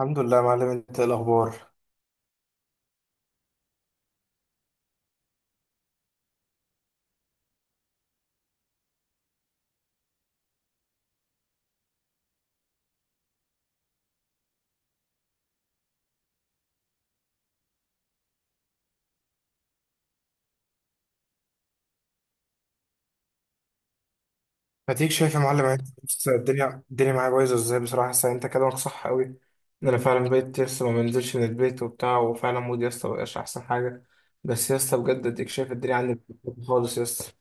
الحمد لله يا معلم، انت ايه الاخبار؟ هديك شايف يا معلم يعني بص، الدنيا معايا بايظه ازاي بصراحه. بس انت كلامك صح قوي ان انا فعلا بقيت لسه ما بنزلش من البيت وبتاع، وفعلا مودي لسه ما بقاش احسن حاجه. بس لسه بجد اديك شايف الدنيا عندي خالص لسه.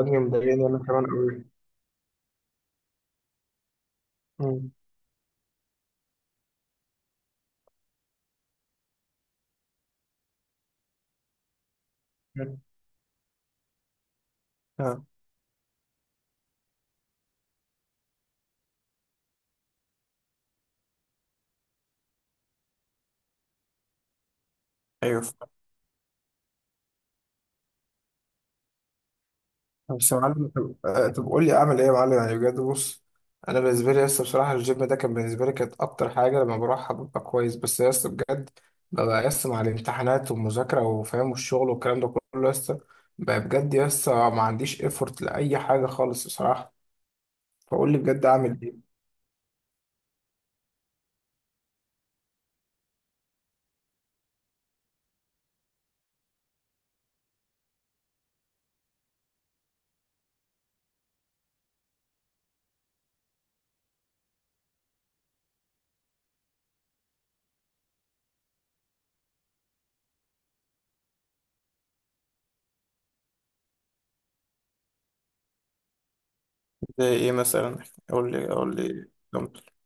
الدنيا مضايقاني انا كمان قوي. مم. مم. اه. ايوه. بس يا معلم طب طب قول لي اعمل ايه يا معلم يعني بجد بص. انا بالنسبه لي لسه بصراحه الجيم ده كان بالنسبه لي كانت اكتر حاجه لما بروحها ببقى كويس. بس لسه بجد ببقى لسه مع الامتحانات والمذاكره وفاهم والشغل والكلام ده كله لسه. بقى بجد لسه ما عنديش ايفورت لاي حاجه خالص بصراحه. فقول لي بجد اعمل ايه. زي ايه مثلا؟ قول لي نمط.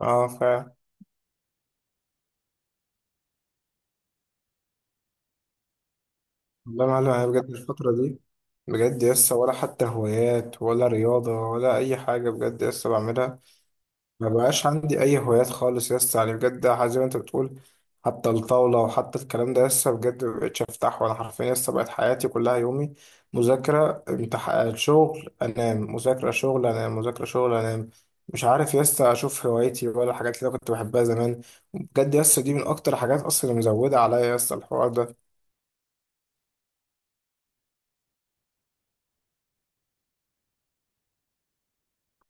اه فعلا. والله يا معلم انا بجد الفتره دي بجد لسه ولا حتى هوايات ولا رياضه ولا اي حاجه بجد لسه بعملها. ما بقاش عندي اي هوايات خالص يا اسطى، يعني بجد زي ما انت بتقول. حتى الطاوله وحتى الكلام ده لسه بجد ما بقتش افتحه. انا حرفيا لسه بقت حياتي كلها يومي مذاكره امتحان شغل انام، مذاكره شغل انام، مذاكره شغل انام. مش عارف يا اسطى اشوف هوايتي ولا الحاجات اللي أنا كنت بحبها زمان. بجد يا اسطى دي من اكتر حاجات اصلا اللي مزوده عليا يا اسطى الحوار ده.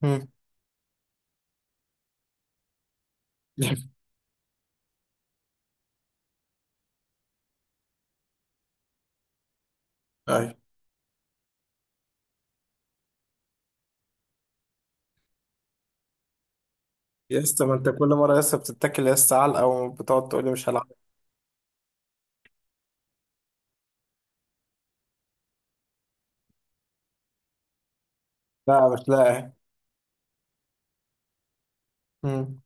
مم. اي. يا اسطى ما انت كل مره يا اسطى بتتكل يا اسطى علقه وبتقعد تقول لي مش هلعب. لا مش لاقي. مم.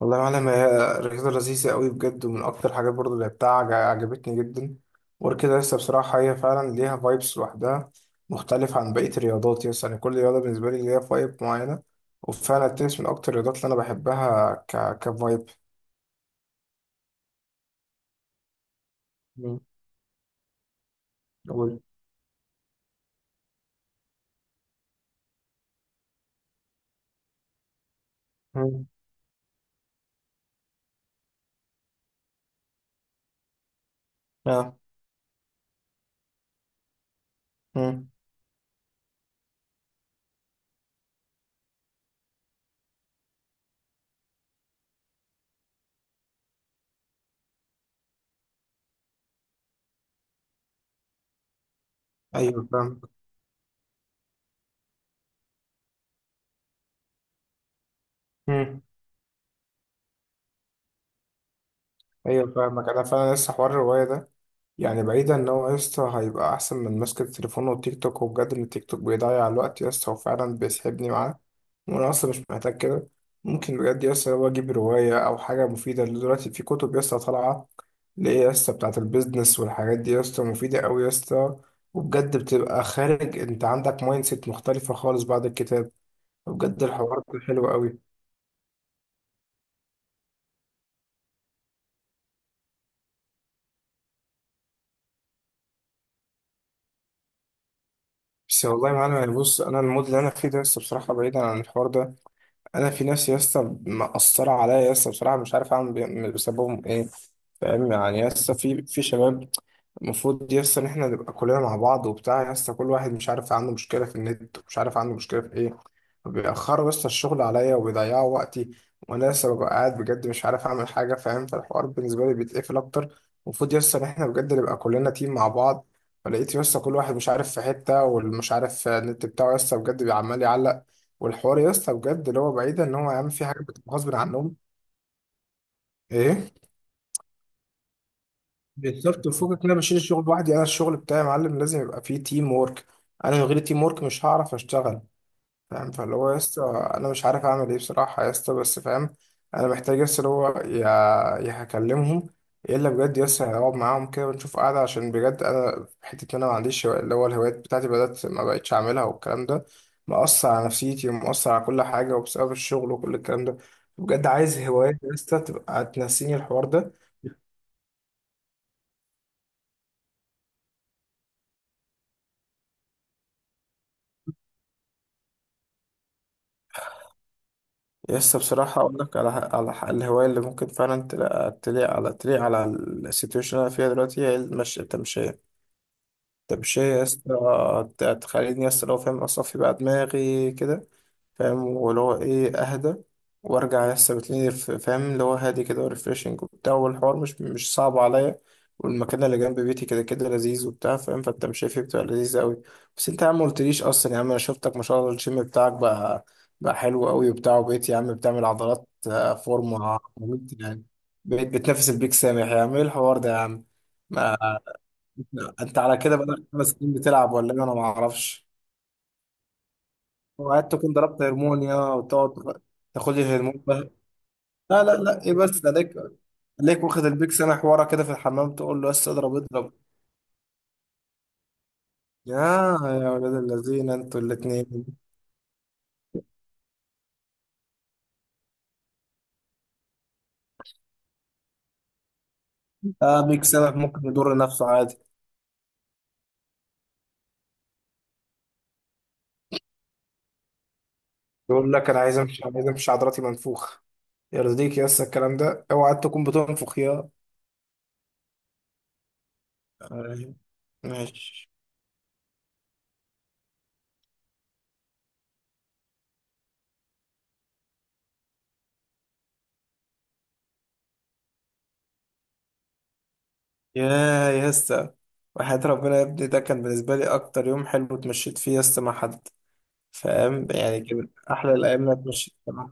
والله يا معلم هي رياضة لذيذة قوي بجد، ومن أكتر الحاجات برضه اللي لعبتها عجبتني جدا. وغير كده لسه بصراحة هي فعلا ليها فايبس لوحدها. مختلف عن بقية الرياضات يس، يعني كل رياضة بالنسبة لي ليها فايب معينة. وفعلا التنس من أكتر الرياضات اللي أنا بحبها كفايب. مم. أقول. مم. آه. مم. أيوه فاهمك. مم. أيوه فاهمك. أنا فعلا لسه حوار الرواية ده، يعني بعيدا ان هو يا اسطى هيبقى احسن من ماسك التليفون والتيك توك، وبجد ان التيك توك بيضيع الوقت يا اسطى وفعلا بيسحبني معاه. وانا اصلا مش محتاج كده. ممكن بجد يا اسطى لو اجيب روايه او حاجه مفيده اللي دلوقتي في كتب يا اسطى طالعه، اللي هي يا اسطى بتاعه البيزنس والحاجات دي يا اسطى مفيده قوي يا اسطى. وبجد بتبقى خارج انت عندك مايند سيت مختلفه خالص بعد الكتاب. وبجد الحوار ده حلو قوي. بس والله يا معلم يعني بص، انا المود اللي انا فيه ده لسه بصراحه بعيدا عن الحوار ده. انا في ناس يا اسطى مأثرة عليا يا اسطى بصراحة مش عارف اعمل بسببهم ايه. فاهم يعني يا اسطى في شباب. المفروض يس ان احنا نبقى كلنا مع بعض وبتاع يس، كل واحد مش عارف عنده مشكله في النت، ومش عارف عنده مشكله في ايه. بيأخروا يس الشغل عليا وبيضيعوا وقتي. وانا لسه ببقى قاعد بجد مش عارف اعمل حاجه فاهم، فالحوار بالنسبه لي بيتقفل اكتر. المفروض يس ان احنا بجد نبقى كلنا تيم مع بعض. فلقيت يس كل واحد مش عارف في حته، واللي مش عارف النت بتاعه يس بجد بيعمال يعلق. والحوار يس بجد اللي هو بعيد ان هو عامل فيه حاجه بتبقى غصب عنهم. ايه. بالظبط. وفوقك إن انا بشيل الشغل لوحدي، انا الشغل بتاعي يا معلم لازم يبقى فيه تيم وورك. انا من غير تيم وورك مش هعرف اشتغل. فاهم، فاللي هو يا اسطى. انا مش عارف اعمل ايه بصراحه يا اسطى بس فاهم. انا محتاج يا اسطى اللي هو يا هكلمهم، يا الا بجد يا اسطى هقعد معاهم كده ونشوف قعده. عشان بجد انا حته إن انا ما عنديش اللي هو الهوايات بتاعتي بدات ما بقتش اعملها، والكلام ده مأثر على نفسيتي ومأثر على كل حاجه، وبسبب الشغل وكل الكلام ده. بجد عايز هوايات يا اسطى تبقى تنسيني الحوار ده. يس بصراحة أقول لك على الهواية اللي ممكن فعلا تلاقي تليق على السيتويشن اللي أنا فيها دلوقتي، هي المشي التمشية. طب شيء يا اسطى تخليني يا اسطى لو فاهم اصفي بقى دماغي كده. فاهم، واللي هو ايه اهدى، وارجع يا اسطى بتلاقيني فاهم اللي هو هادي كده وريفريشنج وبتاع، والحوار مش صعب عليا. والمكان اللي جنب بيتي كده كده لذيذ وبتاع فاهم، فانت مش شايفه بتبقى لذيذ قوي. بس انت يا عم ما قلتليش اصلا، يا عم انا شفتك ما شاء الله الجيم بتاعك بقى حلو قوي وبتاع. وبقيت يا عم بتعمل عضلات فورمه مميتة يعني. بقيت بتنافس البيك سامح، يا عم ايه الحوار ده يا عم؟ ما لا. انت على كده بقالك 5 سنين بتلعب ولا ايه، انا ما اعرفش. وقعدت تكون ضربت هرمونيا وتقعد تاخد لي الهرمون ده؟ لا لا لا، ايه بس ده ليك. ليك واخد البيك سنة حوارة كده في الحمام تقول له بس اضرب اضرب. يا يا ولاد الذين انتوا الاتنين. اه بيك سنة ممكن يضر نفسه عادي. يقول لك انا عايز امشي عايز امشي عضلاتي منفوخة. يرضيك يا اسطى الكلام ده؟ اوعى تكون بتنفخ يا آه، ماشي. يا يا اسطى، وحياة ربنا يا ابني ده كان بالنسبة لي أكتر يوم حلو اتمشيت فيه يس مع حد. فاهم يعني كان أحلى الأيام اللي أنا اتمشيت فيها مع حد.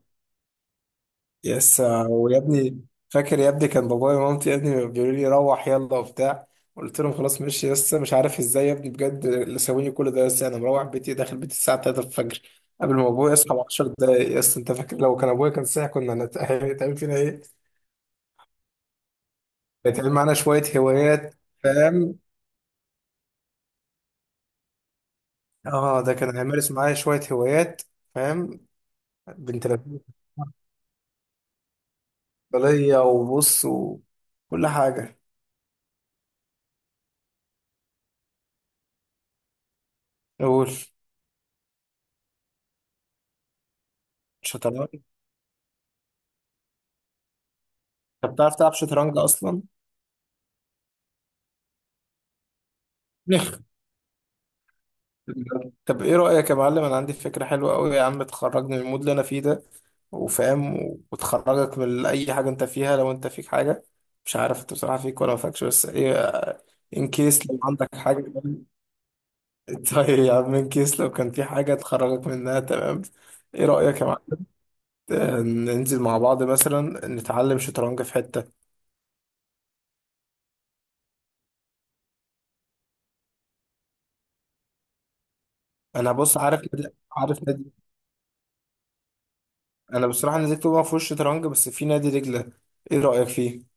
يس، ويا ابني فاكر يا ابني كان بابايا ومامتي يا ابني بيقولوا لي روح يلا وبتاع. قلت لهم خلاص ماشي يس، مش عارف ازاي يا ابني بجد اللي سويني كل ده يس. أنا مروح بيتي داخل بيتي الساعة 3 الفجر، قبل ما أبويا يصحى ب 10 دقايق يس. أنت فاكر لو كان أبويا كان صاحي هيتعمل فينا إيه؟ هيتعمل معانا شوية هوايات. فاهم؟ اه ده كان هيمارس معايا شوية هوايات. فاهم. بنت لذينه. بلية وبص وكل حاجة. قول. شطرنج. طب بتعرف تلعب شطرنج أصلا؟ نخ. طب إيه رأيك يا معلم؟ أنا عندي فكرة حلوة أوي يا عم تخرجني من المود اللي أنا فيه ده، وفاهم، وتخرجك من أي حاجة أنت فيها لو أنت فيك حاجة. مش عارف أنت بصراحة فيك ولا ما فيكش، بس إيه، إن كيس لو عندك حاجة. طيب يا عم إن كيس لو كان في حاجة تخرجك منها، تمام. إيه رأيك يا معلم؟ ننزل مع بعض مثلا نتعلم شطرنج في حتة. انا بص عارف نادي عارف نادي. انا بصراحه نادي اكتوبر ما فيهوش شطرنج، بس في نادي دجله. ايه رايك فيه؟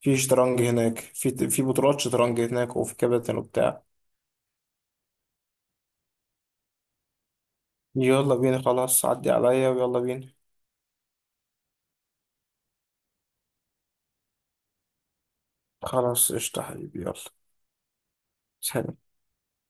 في شطرنج هناك، في بطولات شطرنج هناك وفي كباتن وبتاع. يلا بينا خلاص، عدي عليا ويلا بينا. خلاص قشطه حبيبي، يلا سلام.